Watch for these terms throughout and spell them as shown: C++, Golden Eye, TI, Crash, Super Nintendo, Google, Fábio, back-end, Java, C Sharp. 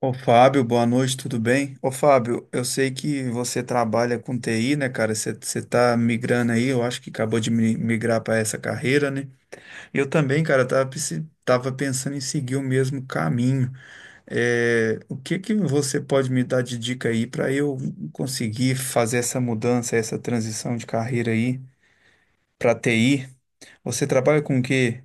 Ô Fábio, boa noite, tudo bem? Ô Fábio, eu sei que você trabalha com TI, né, cara? Você tá migrando aí, eu acho que acabou de migrar para essa carreira, né? Eu também, cara, tava, tava pensando em seguir o mesmo caminho. É, o que que você pode me dar de dica aí para eu conseguir fazer essa mudança, essa transição de carreira aí para TI? Você trabalha com o quê?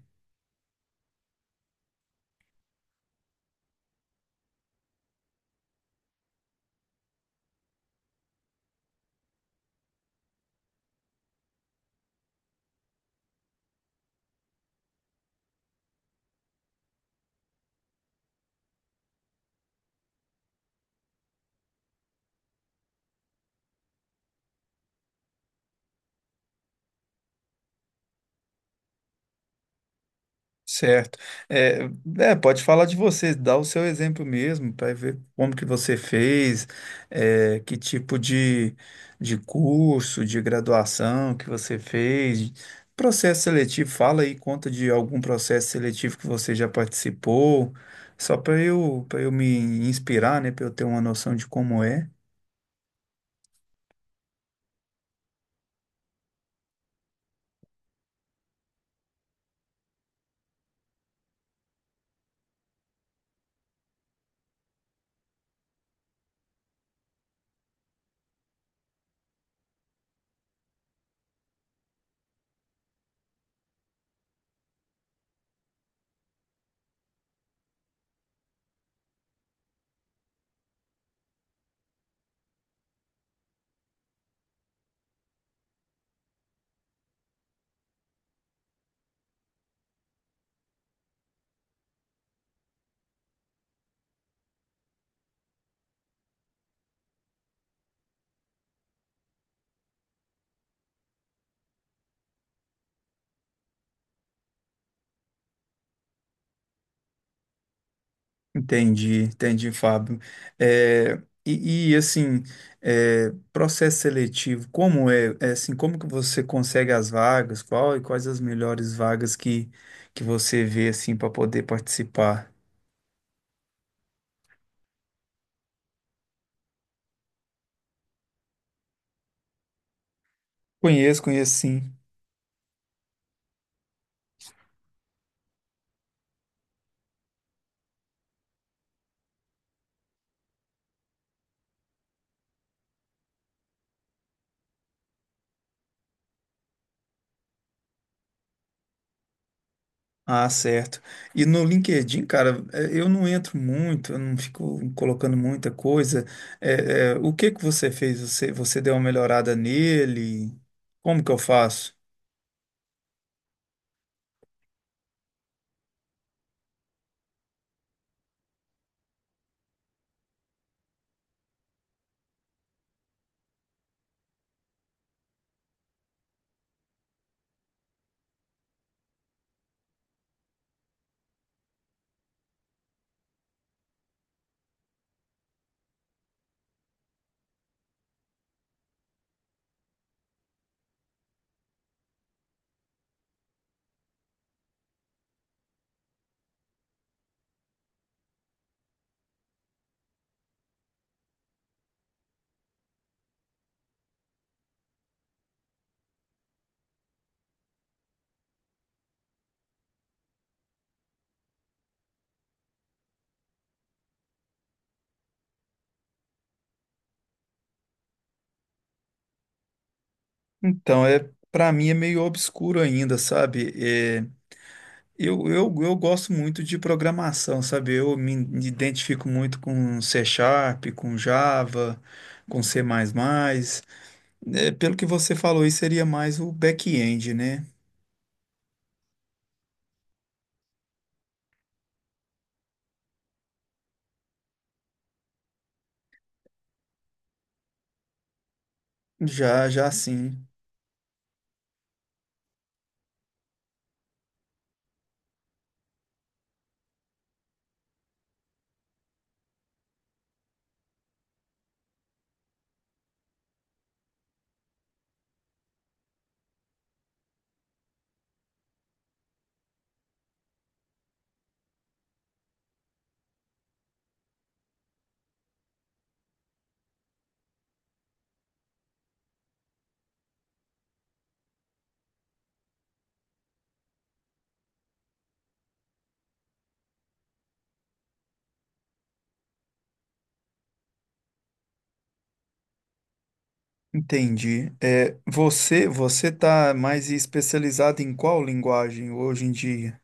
Certo. É, Pode falar de você, dá o seu exemplo mesmo, para ver como que você fez, é, que tipo de curso, de graduação que você fez, processo seletivo, fala aí, conta de algum processo seletivo que você já participou, só para eu me inspirar, né, para eu ter uma noção de como é. Entendi, entendi, Fábio. É, assim, é, processo seletivo, como é, é, assim, como que você consegue as vagas? Qual e quais as melhores vagas que você vê assim para poder participar? Conheço, conheço sim. Ah, certo. E no LinkedIn, cara, é, eu não entro muito, eu não fico colocando muita coisa. O que que você fez? Você deu uma melhorada nele? Como que eu faço? Então, é, para mim é meio obscuro ainda, sabe? É, eu gosto muito de programação, sabe? Eu me identifico muito com C Sharp, com Java, com C++. É, pelo que você falou, isso seria mais o back-end, né? Já, já sim. Entendi. É, você tá mais especializado em qual linguagem hoje em dia?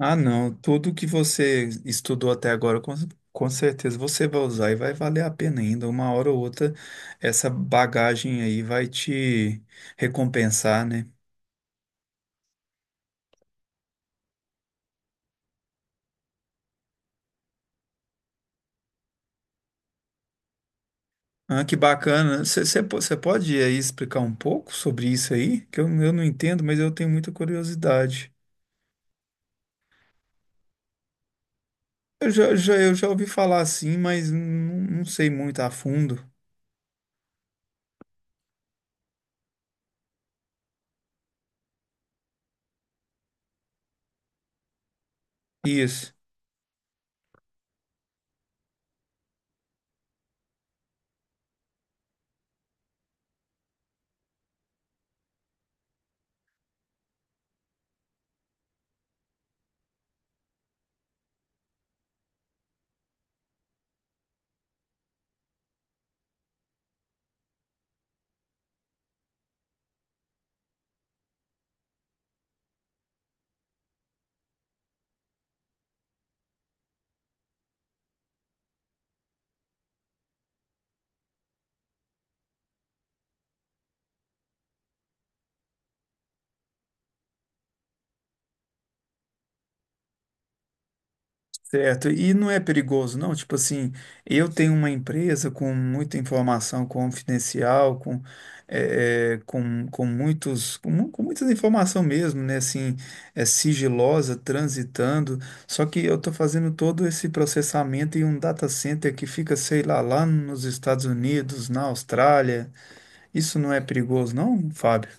Ah, não. Tudo que você estudou até agora, com certeza você vai usar e vai valer a pena ainda. Uma hora ou outra, essa bagagem aí vai te recompensar, né? Ah, que bacana. Você pode aí explicar um pouco sobre isso aí? Que eu não entendo, mas eu tenho muita curiosidade. Eu já, eu já ouvi falar assim, mas não, não sei muito a fundo. Isso. Certo, e não é perigoso, não? Tipo assim, eu tenho uma empresa com muita informação confidencial, com, com muitos, com, com muita informação mesmo, né? Assim, é sigilosa, transitando, só que eu estou fazendo todo esse processamento em um data center que fica, sei lá, lá nos Estados Unidos, na Austrália. Isso não é perigoso, não, Fábio?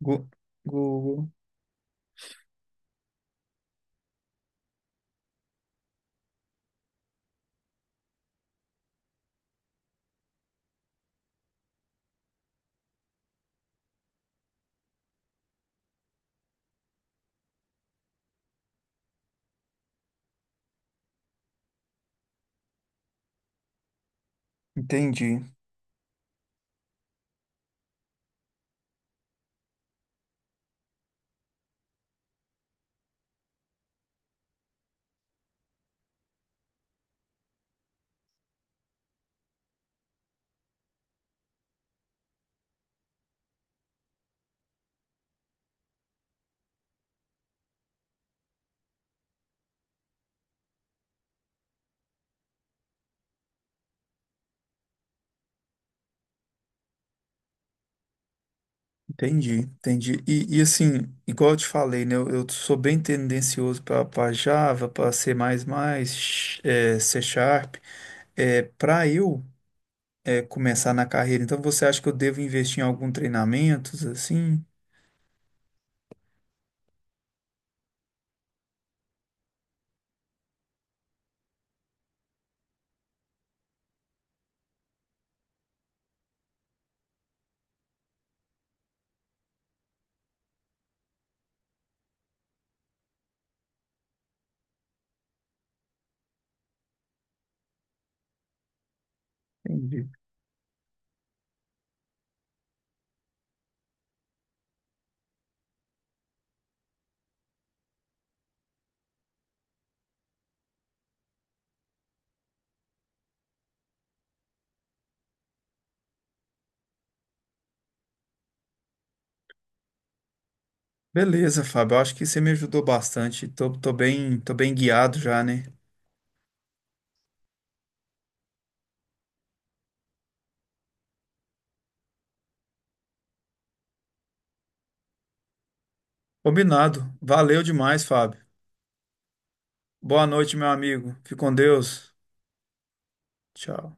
Gu- Google. Entendi. Entendi, entendi. E assim, igual eu te falei, né? Eu sou bem tendencioso para Java, para C++, é, C Sharp. É, para eu, é, começar na carreira, então você acha que eu devo investir em algum treinamento, assim? Entendi. Beleza, Fábio. Eu acho que você me ajudou bastante. Tô, tô bem guiado já, né? Combinado. Valeu demais, Fábio. Boa noite, meu amigo. Fique com Deus. Tchau.